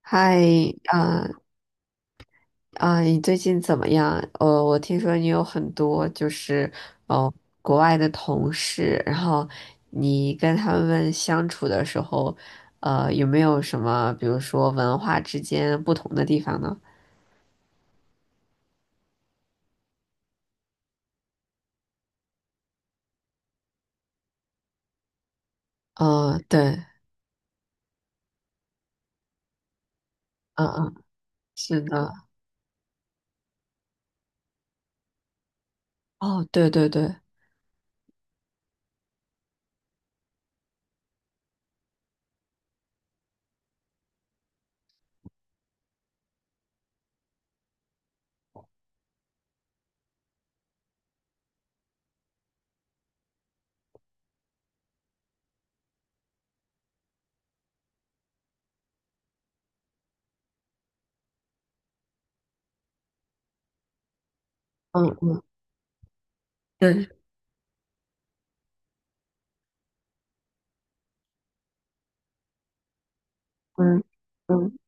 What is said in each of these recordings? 嗨，啊啊，你最近怎么样？我听说你有很多就是呃国外的同事，然后你跟他们相处的时候，有没有什么，比如说文化之间不同的地方呢？嗯、对，嗯嗯，是的，哦，对对对，嗯嗯，对，嗯嗯，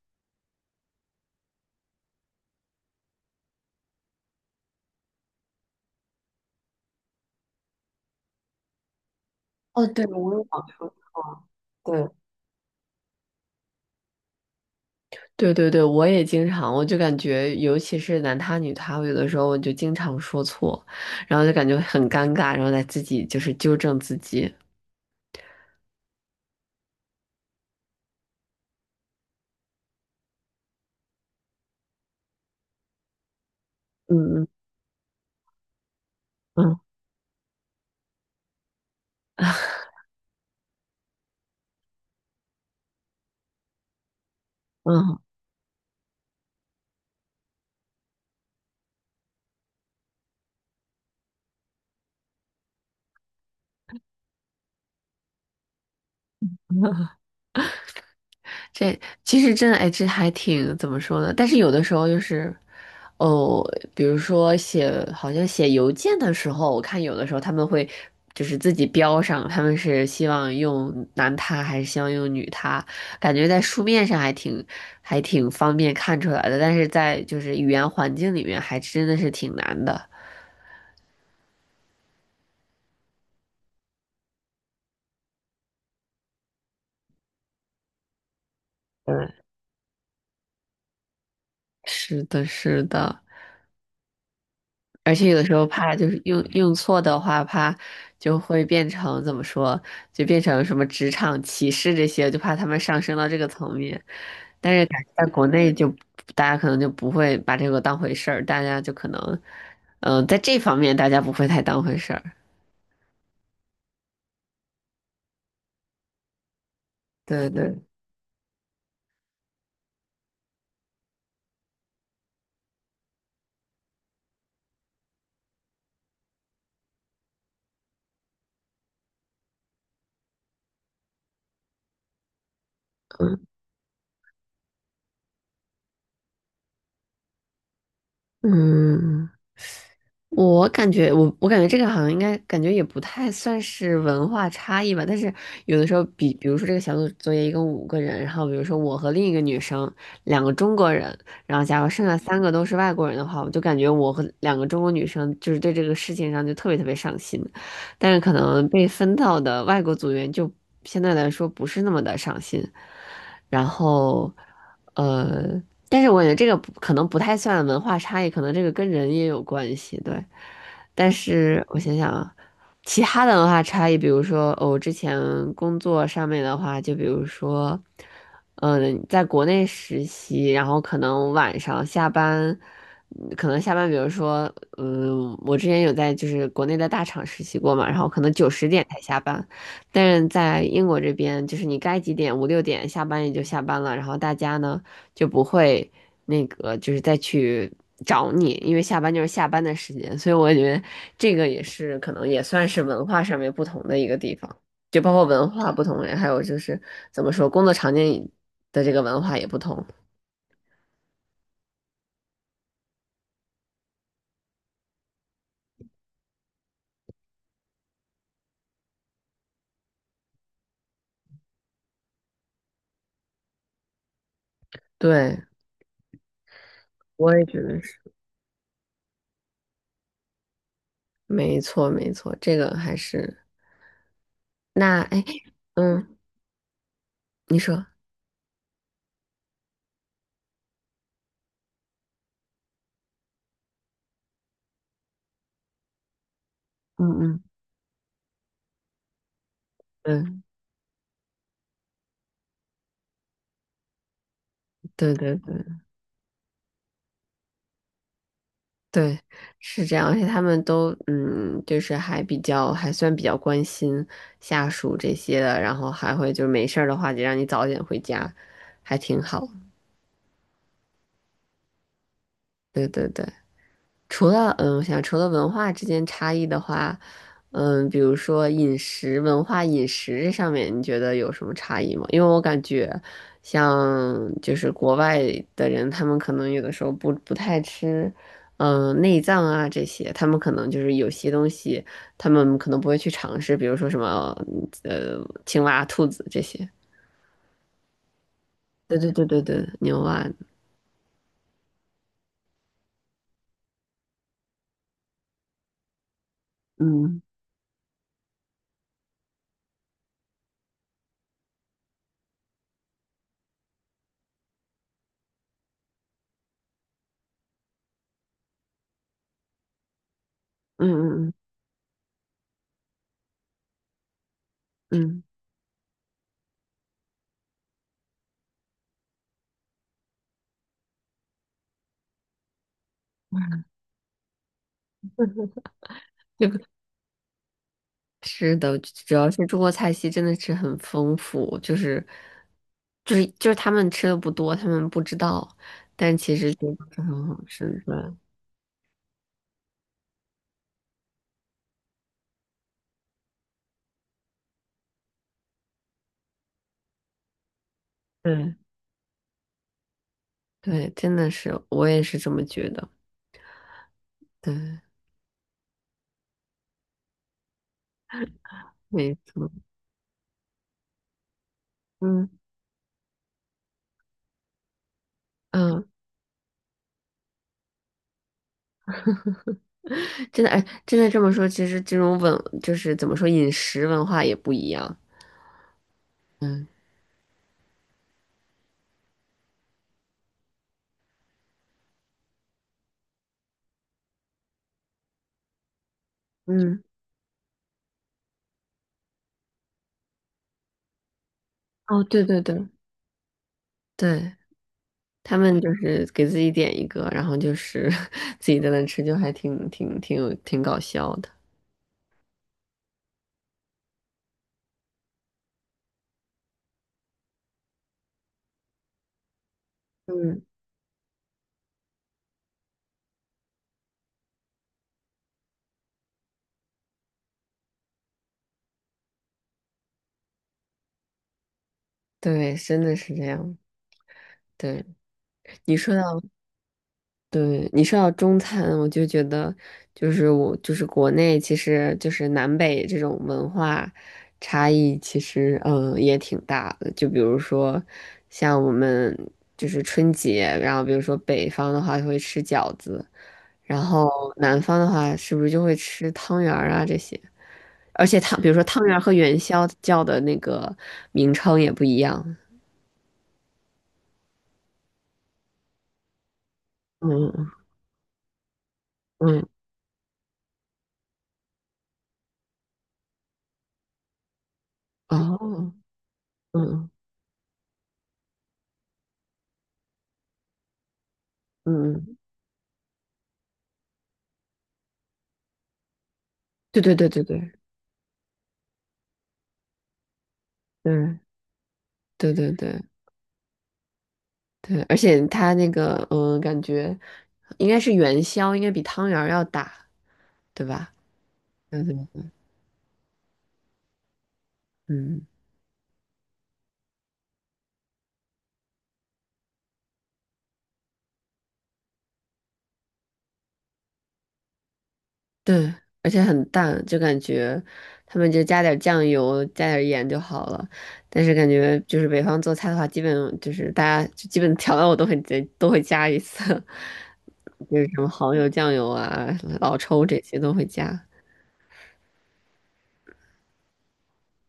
哦，对，我有想说错，对。对对对，我也经常，我就感觉，尤其是男他女他，我有的时候我就经常说错，然后就感觉很尴尬，然后再自己就是纠正自己。嗯嗯嗯嗯。这其实真的，哎，这还挺怎么说呢？但是有的时候就是，哦，比如说写，好像写邮件的时候，我看有的时候他们会就是自己标上，他们是希望用男他还是希望用女他，感觉在书面上还挺方便看出来的，但是在就是语言环境里面还真的是挺难的。嗯，是的，是的。而且有的时候怕就是用错的话，怕就会变成怎么说，就变成什么职场歧视这些，就怕他们上升到这个层面。但是感觉在国内就大家可能就不会把这个当回事儿，大家就可能，在这方面大家不会太当回事儿。对对，嗯。嗯我感觉这个好像应该感觉也不太算是文化差异吧，但是有的时候比如说这个小组作业一共五个人，然后比如说我和另一个女生，两个中国人，然后假如剩下三个都是外国人的话，我就感觉我和两个中国女生就是对这个事情上就特别特别上心，但是可能被分到的外国组员就相对来说不是那么的上心，然后呃。但是我觉得这个不可能不太算文化差异，可能这个跟人也有关系，对。但是我想想啊，其他的文化差异，比如说，哦，我之前工作上面的话，就比如说，在国内实习，然后可能晚上下班，可能下班，比如说，我之前有在就是国内的大厂实习过嘛，然后可能9、10点才下班，但是在英国这边，就是你该几点，5、6点下班也就下班了，然后大家呢。就不会那个就是再去找你，因为下班就是下班的时间，所以我觉得这个也是可能也算是文化上面不同的一个地方，就包括文化不同，还有就是怎么说工作场景的这个文化也不同。对，我也觉得是，没错没错，这个还是那哎嗯，你说，嗯嗯嗯，对对对。对，是这样，而且他们都就是还算比较关心下属这些的，然后还会就是没事儿的话就让你早点回家，还挺好。对对对，除了我想除了文化之间差异的话，比如说饮食文化、饮食这上面，你觉得有什么差异吗？因为我感觉像就是国外的人，他们可能有的时候不太吃，内脏啊这些，他们可能就是有些东西，他们可能不会去尝试，比如说什么呃青蛙、兔子这些。对对对对对，牛蛙，嗯嗯嗯嗯嗯。是的，主要是中国菜系真的是很丰富，就是他们吃的不多，他们不知道，但其实就是很好吃的。对对，真的是，我也是这么觉得。对，没错。嗯嗯，真的哎，真的这么说，其实这种就是怎么说，饮食文化也不一样。嗯，哦，对对对对，他们就是给自己点一个，然后就是 自己在那吃，就还挺搞笑的。嗯。对，真的是这样。对，你说到，对，你说到中餐，我就觉得，就是我，就是国内，其实就是南北这种文化差异，其实也挺大的。就比如说，像我们就是春节，然后比如说北方的话会吃饺子，然后南方的话是不是就会吃汤圆儿啊这些？而且比如说汤圆儿和元宵叫的那个名称也不一样。嗯嗯，嗯哦。嗯嗯，嗯，对对对对对对对对对对，而且它那个感觉应该是元宵，应该比汤圆儿要大，对吧？对对嗯，对，而且很淡，就感觉他们就加点儿酱油，加点儿盐就好了。但是感觉就是北方做菜的话，基本就是大家就基本调料我都会加一次，就是什么蚝油、酱油啊、老抽这些都会加。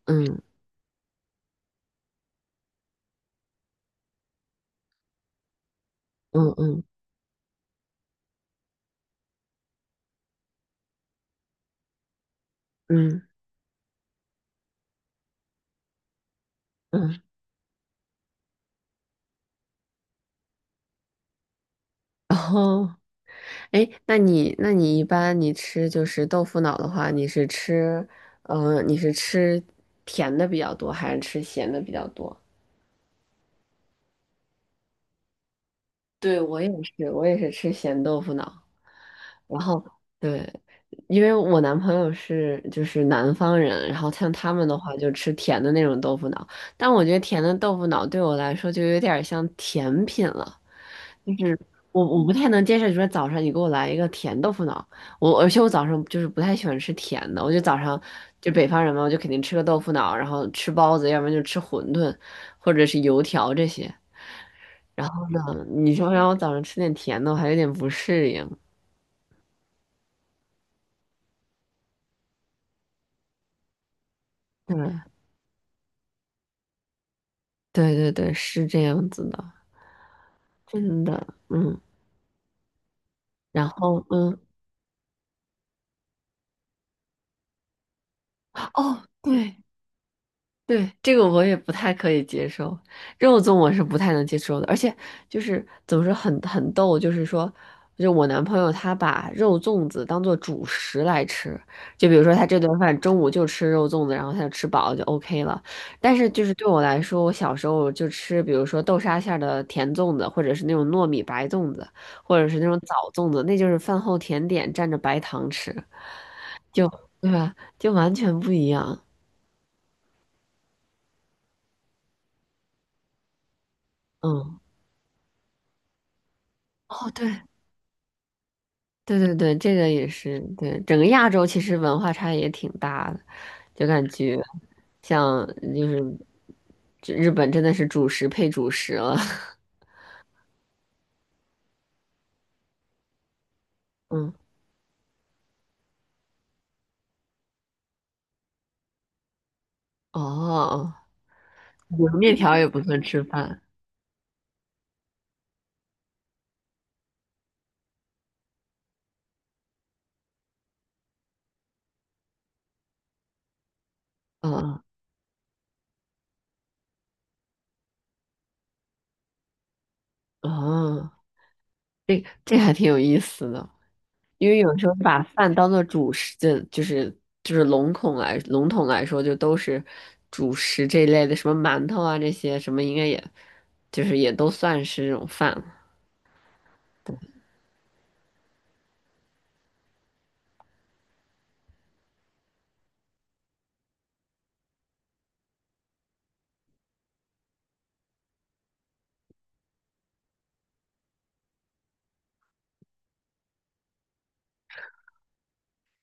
嗯嗯嗯嗯嗯，然后。哎，那你一般你吃就是豆腐脑的话，你是吃甜的比较多，还是吃咸的比较多？对，我也是，我也是吃咸豆腐脑。然后对，因为我男朋友是就是南方人，然后像他们的话就吃甜的那种豆腐脑，但我觉得甜的豆腐脑对我来说就有点儿像甜品了。我不太能接受，你说早上你给我来一个甜豆腐脑，而且我早上就是不太喜欢吃甜的，我就早上就北方人嘛，我就肯定吃个豆腐脑，然后吃包子，要不然就吃馄饨或者是油条这些。然后呢，你说让我早上吃点甜的，我还有点不适应。对对对对，是这样子的，真的，嗯。然后哦，对，对，这个我也不太可以接受，肉粽我是不太能接受的，而且就是怎么说很逗，就是说，就我男朋友他把肉粽子当做主食来吃，就比如说他这顿饭中午就吃肉粽子，然后他就吃饱了就 OK 了。但是就是对我来说，我小时候就吃，比如说豆沙馅儿的甜粽子，或者是那种糯米白粽子，或者是那种枣粽子，那就是饭后甜点蘸着白糖吃，对吧？就完全不一样。嗯，哦，对。对对对，这个也是，对，整个亚洲其实文化差异也挺大的，就感觉像就是这日本真的是主食配主食了，嗯，哦，我们面条也不算吃饭，嗯哦，这还挺有意思的，因为有时候把饭当做主食，就是笼统来说，就都是主食这一类的，什么馒头啊这些什么，应该也就是也都算是这种饭了，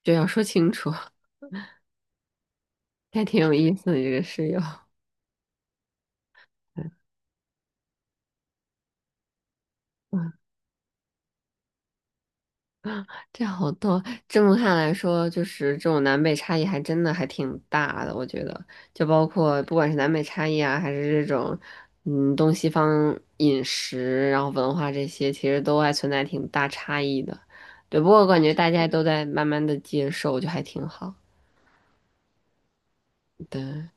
这要说清楚。还挺有意思的这个室友。嗯，这好多，这么看来说，就是这种南北差异还真的还挺大的，我觉得，就包括不管是南北差异啊，还是这种，东西方饮食，然后文化这些，其实都还存在挺大差异的。对，不过我感觉大家都在慢慢的接受，就还挺好。对。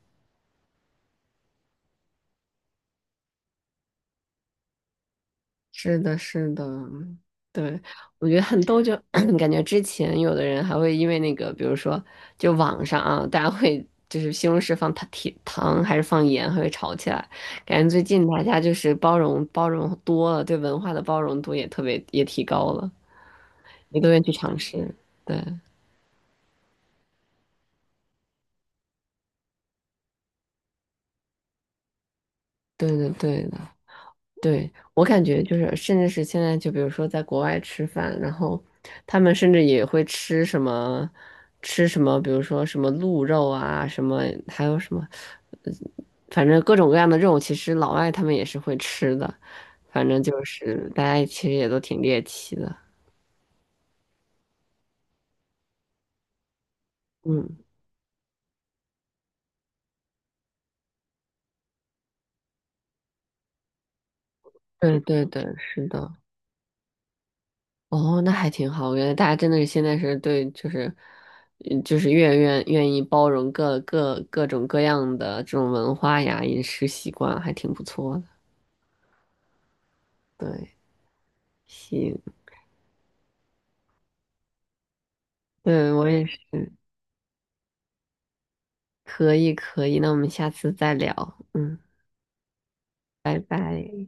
是的，是的，对，我觉得很逗就，感觉之前有的人还会因为那个，比如说，就网上啊，大家会就是西红柿放糖甜糖还是放盐，还会吵起来。感觉最近大家就是包容包容多了，对文化的包容度也特别也提高了，也都愿意去尝试。对，对对对。对，我感觉就是，甚至是现在，就比如说在国外吃饭，然后他们甚至也会吃什么，吃什么，比如说什么鹿肉啊，什么还有什么，反正各种各样的肉，其实老外他们也是会吃的。反正就是大家其实也都挺猎奇的。嗯，对对对，是的。哦，那还挺好。我觉得大家真的是现在是对，就是，就是越愿意包容各种各样的这种文化呀、饮食习惯，还挺不错的。对，行，对，我也是，可以可以。那我们下次再聊，嗯，拜拜。